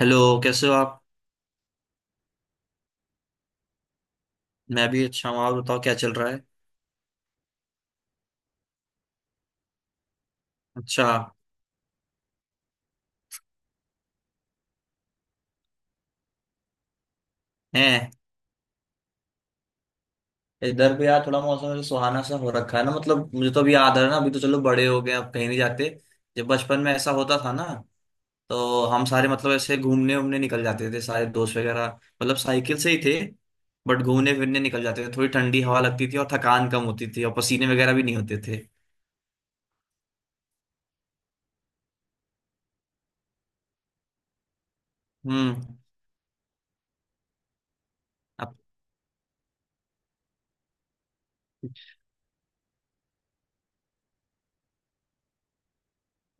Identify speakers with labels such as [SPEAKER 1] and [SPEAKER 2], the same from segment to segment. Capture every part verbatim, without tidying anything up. [SPEAKER 1] Hello. कैसे हो आप? मैं भी अच्छा हूँ। आप बताओ क्या चल रहा है? अच्छा। है। इधर भी यार थोड़ा मौसम ऐसे सुहाना सा हो रखा है ना। मतलब मुझे तो अभी याद आ रहा है ना, अभी तो चलो बड़े हो गए, अब कहीं नहीं जाते। जब बचपन में ऐसा होता था ना, तो हम सारे मतलब ऐसे घूमने उमने निकल जाते थे, सारे दोस्त वगैरह। मतलब साइकिल से ही थे, बट घूमने फिरने निकल जाते थे। थोड़ी ठंडी हवा लगती थी और थकान कम होती थी, और पसीने वगैरह भी नहीं होते थे। हम्म।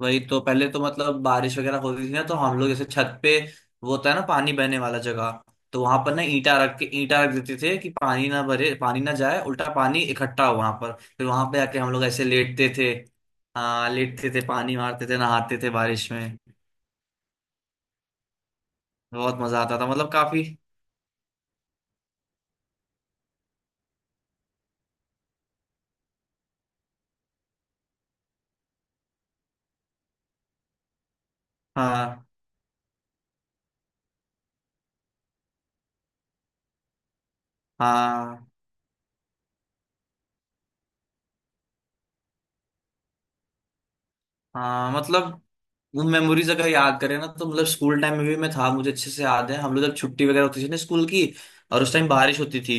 [SPEAKER 1] वही तो, पहले तो मतलब बारिश वगैरह होती थी ना तो हम लोग जैसे छत पे, वो होता है ना पानी बहने वाला जगह, तो वहां पर ना ईंटा रख के ईंटा रख देते थे कि पानी ना भरे, पानी ना जाए, उल्टा पानी इकट्ठा हो वहां पर। फिर वहां पे आके हम लोग ऐसे लेटते थे। हाँ लेटते थे, पानी मारते थे, नहाते थे बारिश में। बहुत मजा आता था मतलब, काफी। हाँ हाँ हाँ, मतलब वो मेमोरीज अगर याद करें ना, तो मतलब स्कूल टाइम में भी मैं था, मुझे अच्छे से याद है। हम लोग जब छुट्टी वगैरह होती थी ना स्कूल की, और उस टाइम बारिश होती थी,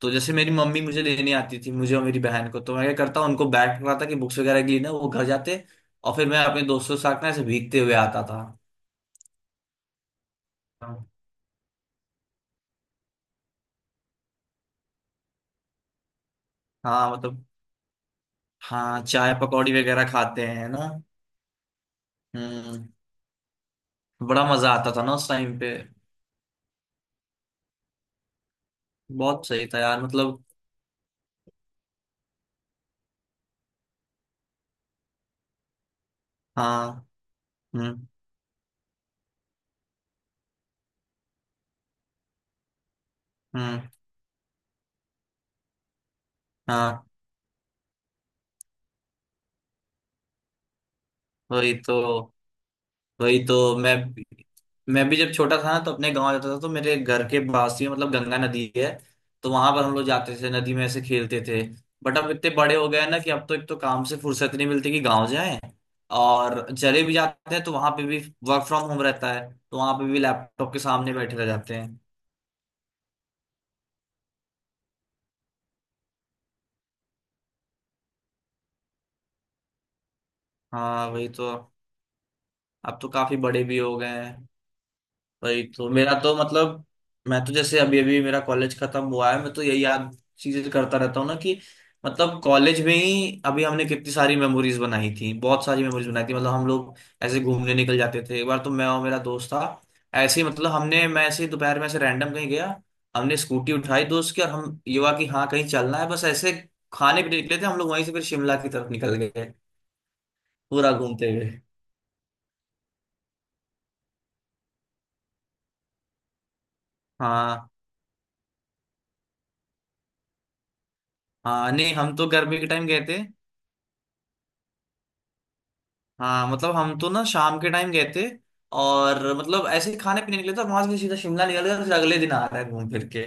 [SPEAKER 1] तो जैसे मेरी मम्मी मुझे लेने आती थी, मुझे और मेरी बहन को, तो मैं क्या करता उनको बैग पकड़ाता कि बुक्स वगैरह के लिए ना वो घर जाते। और फिर मैं अपने दोस्तों के साथ ना ऐसे भीगते हुए आता था। हाँ मतलब, हाँ चाय पकौड़ी वगैरह खाते हैं ना। हम्म। बड़ा मजा आता था ना उस टाइम पे। बहुत सही था यार, मतलब। हाँ, हम्म। हम्म। हाँ वही तो। वही तो मैं मैं भी जब छोटा था ना तो अपने गांव जाता था, तो मेरे घर के पास ही मतलब गंगा नदी है। तो वहां पर हम लोग जाते थे, नदी में ऐसे खेलते थे। बट अब इतने बड़े हो गए हैं ना कि अब तो एक तो काम से फुर्सत नहीं मिलती कि गांव जाएं। और चले भी जाते हैं तो वहां पे भी वर्क फ्रॉम होम रहता है, तो वहां पे भी लैपटॉप के सामने बैठे रह जाते हैं। हाँ वही तो, अब तो काफी बड़े भी हो गए हैं। वही तो, मेरा तो मतलब, मैं तो जैसे अभी अभी मेरा कॉलेज खत्म हुआ है, मैं तो यही याद चीजें करता रहता हूँ ना कि मतलब कॉलेज में ही अभी हमने कितनी सारी मेमोरीज बनाई थी। बहुत सारी मेमोरीज बनाई थी। मतलब हम लोग ऐसे घूमने निकल जाते थे। एक बार तो मैं और मेरा दोस्त था, ऐसे ही मतलब हमने मैं ऐसे ही दोपहर में ऐसे रैंडम कहीं गया। हमने स्कूटी उठाई दोस्त की, और हम, ये हुआ कि हाँ कहीं चलना है बस। ऐसे खाने पीने निकले थे हम लोग, वहीं से फिर शिमला की तरफ निकल गए पूरा घूमते हुए। हाँ हाँ, नहीं हम तो गर्मी के टाइम गए थे। हाँ मतलब हम तो ना शाम के टाइम गए थे, और मतलब ऐसे ही खाने पीने निकले थे, और वहां से सीधा शिमला निकल गए, फिर अगले दिन आ रहे हैं घूम फिर के।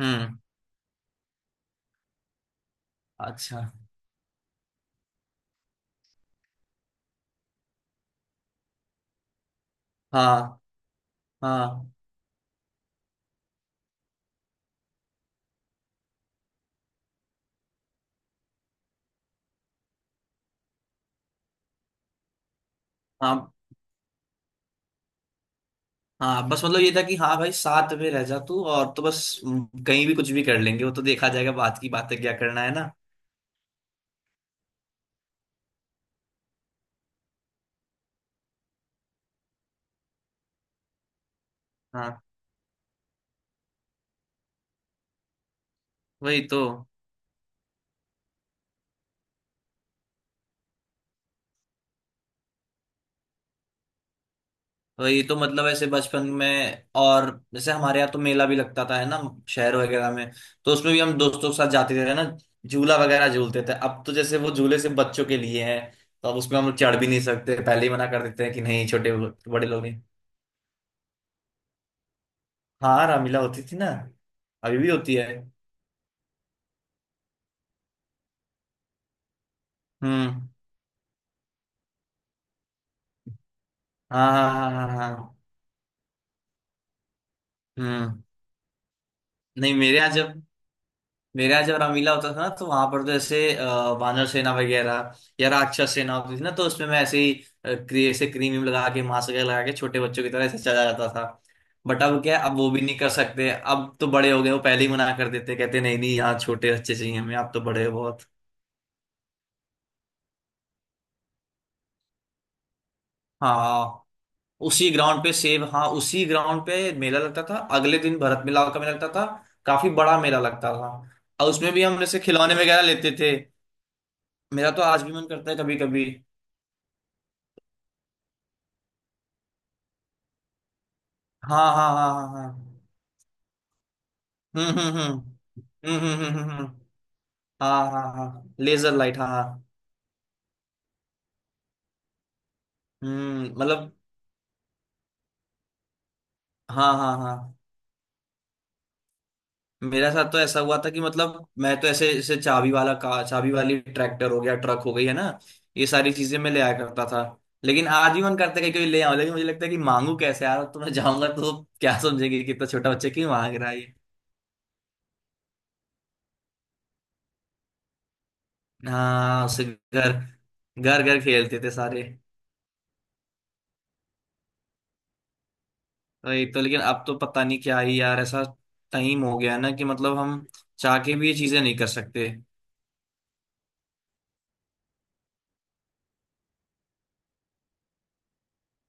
[SPEAKER 1] हम्म। अच्छा। हाँ हाँ हाँ हाँ। बस मतलब ये था कि हाँ भाई, साथ में रह जा तू, और तो बस, हम्म, कहीं भी कुछ भी कर लेंगे, वो तो देखा जाएगा, बात की बातें क्या करना है ना। हाँ वही तो। वही तो मतलब ऐसे बचपन में, और जैसे हमारे यहाँ तो मेला भी लगता था है ना, शहर वगैरह में। तो उसमें भी हम दोस्तों के साथ जाते थे है ना, झूला वगैरह झूलते थे। अब तो जैसे वो झूले सिर्फ बच्चों के लिए हैं, तो अब उसमें हम लोग चढ़ भी नहीं सकते, पहले ही मना कर देते हैं कि नहीं छोटे, बड़े लोग नहीं। हाँ रामलीला होती थी ना। अभी भी होती है। हम्म। हाँ हाँ हाँ हाँ हाँ हाँ, हम्म। नहीं, मेरे यहाँ जब मेरा जब रामीला होता था ना तो वहां पर तो ऐसे अ, वानर सेना वगैरह या राक्षस सेना होती थी ना, तो उसमें मैं ऐसे ही अ, क्री, ऐसे क्रीम व्रीम लगा के, मास्क वगैरह लगा के, छोटे बच्चों की तरह ऐसे चला जाता था। बट अब क्या है, अब वो भी नहीं कर सकते, अब तो बड़े हो गए, वो पहले ही मना कर देते, कहते नहीं नहीं यहाँ छोटे बच्चे चाहिए हमें, आप तो बड़े हो बहुत। हाँ उसी ग्राउंड पे सेब हाँ उसी ग्राउंड पे मेला लगता था, अगले दिन भरत मिलाप का मेला लगता था। काफी बड़ा मेला लगता था, और उसमें भी हम ऐसे खिलौने वगैरह लेते थे। मेरा तो आज भी मन करता है कभी कभी। हाँ हाँ हाँ हाँ हाँ। हम्म हम्म हम्म हम्म हम्म हम्म हम्म, हम्म। हाँ हाँ हाँ हाँ। लेजर लाइट, हाँ हाँ। हम्म मतलब, हाँ हाँ हाँ। मेरे साथ तो ऐसा हुआ था कि मतलब मैं तो ऐसे ऐसे चाबी वाला कार, चाबी वाली ट्रैक्टर हो गया, ट्रक हो गई, है ना ये सारी चीजें मैं ले आया करता था। लेकिन आज भी मन करता है कि कोई ले आऊं, लेकिन मुझे लगता है कि मांगू कैसे यार, तो मैं जाऊंगा तो क्या समझेंगे कि कितना छोटा बच्चा क्यों मांग रहा है ये। हाँ उससे घर, घर घर खेलते थे सारे। वही तो, लेकिन अब तो पता नहीं क्या ही यार, ऐसा टाइम हो गया है ना कि मतलब हम चाह के भी ये चीजें नहीं कर सकते।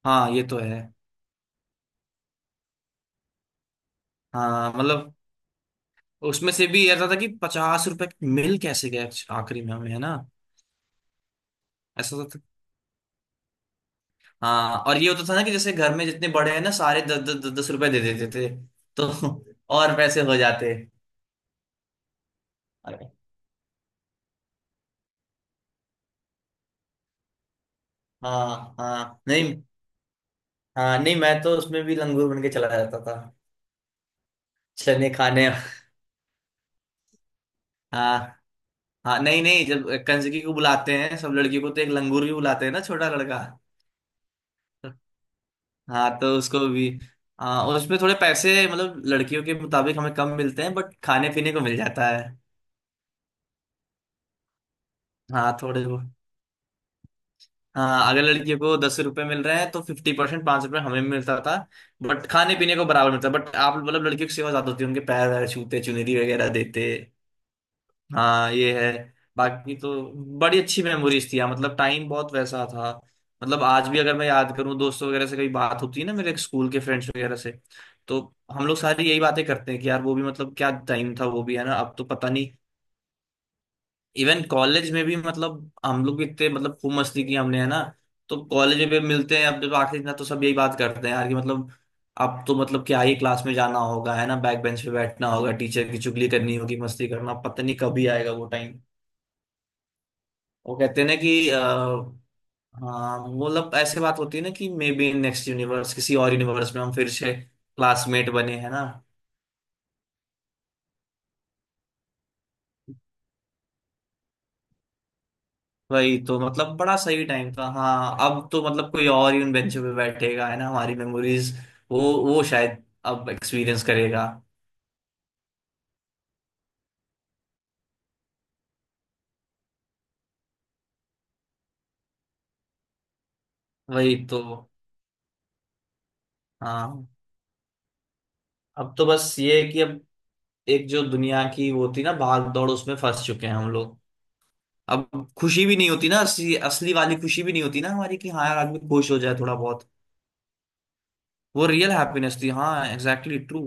[SPEAKER 1] हाँ ये तो है। हाँ मतलब, उसमें से भी ऐसा था कि पचास रुपए मिल कैसे गए आखिरी में हमें, है ना। ऐसा तो था। हाँ और ये होता था ना कि जैसे घर में जितने बड़े हैं ना सारे दस दस दस दस रुपए दे देते थे, तो और पैसे हो जाते। अरे, हाँ हाँ नहीं, हाँ। नहीं मैं तो उसमें भी लंगूर बन के चला जाता था, चने खाने। हाँ हाँ। नहीं नहीं, जब कंजकी को बुलाते हैं सब लड़कियों को तो एक लंगूर भी बुलाते हैं ना, छोटा लड़का। हाँ तो उसको भी। हाँ और उसमें थोड़े पैसे मतलब लड़कियों के मुताबिक हमें कम मिलते हैं, बट खाने पीने को मिल जाता है। हाँ थोड़े बहुत। हाँ अगर लड़कियों को दस रुपए मिल रहे हैं तो फिफ्टी परसेंट, पाँच रुपये हमें मिलता था। बट खाने पीने को बराबर मिलता, बट आप मतलब लड़कियों की सेवा ज्यादा होती है, उनके पैर वैर छूते, चुनरी वगैरह देते। हाँ ये है। बाकी तो बड़ी अच्छी मेमोरीज थी यार मतलब, टाइम बहुत वैसा था। मतलब आज भी अगर मैं याद करूँ, दोस्तों वगैरह से कभी बात होती है ना, मेरे स्कूल के फ्रेंड्स वगैरह से, तो हम लोग सारी यही बातें करते हैं कि यार वो भी मतलब क्या टाइम था वो भी, है ना अब तो पता नहीं। इवन कॉलेज में भी मतलब हम लोग भी इतने मतलब खूब मस्ती की हमने, है ना तो कॉलेज में भी मिलते हैं। अब जब आखिरी दिन था, तो सब यही बात करते हैं यार कि मतलब अब तो मतलब क्या ही क्लास में जाना होगा है ना, बैक बेंच पे बैठना होगा, टीचर की चुगली करनी होगी, मस्ती करना, पता नहीं कभी आएगा वो टाइम। वो कहते हैं ना कि अ, हाँ मतलब ऐसे बात होती है ना कि मे बी नेक्स्ट यूनिवर्स, किसी और यूनिवर्स में हम फिर से क्लासमेट बने हैं ना। वही तो मतलब बड़ा सही टाइम था। हाँ अब तो मतलब कोई और ही उन बेंचों पे बैठेगा है ना हमारी मेमोरीज, वो वो शायद अब एक्सपीरियंस करेगा। वही तो। हाँ अब तो बस ये है कि अब एक जो दुनिया की वो थी ना भाग दौड़, उसमें फंस चुके हैं हम लोग। अब खुशी भी नहीं होती ना, असली असली वाली खुशी भी नहीं होती ना हमारी कि हाँ यार आदमी खुश हो जाए थोड़ा बहुत। वो रियल हैप्पीनेस थी, हाँ एग्जैक्टली ट्रू।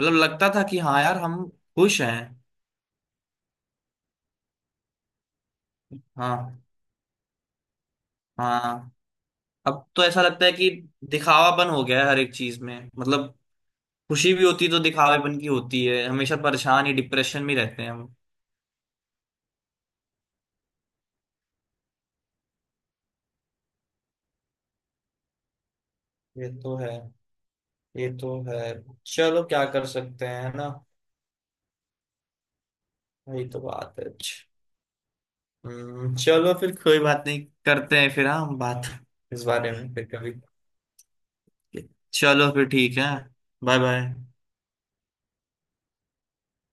[SPEAKER 1] मतलब लगता था कि हाँ यार हम खुश हैं। हाँ। हाँ। अब तो ऐसा लगता है कि दिखावापन हो गया है हर एक चीज में, मतलब खुशी भी होती है तो दिखावेपन की होती है, हमेशा परेशान ही, डिप्रेशन में रहते हैं हम। ये तो है। ये तो है। चलो क्या कर सकते हैं है ना। वही तो बात है। हम्म, चलो फिर कोई बात नहीं करते हैं फिर। हाँ हम बात इस बारे में फिर कभी। चलो फिर ठीक है। Bye bye.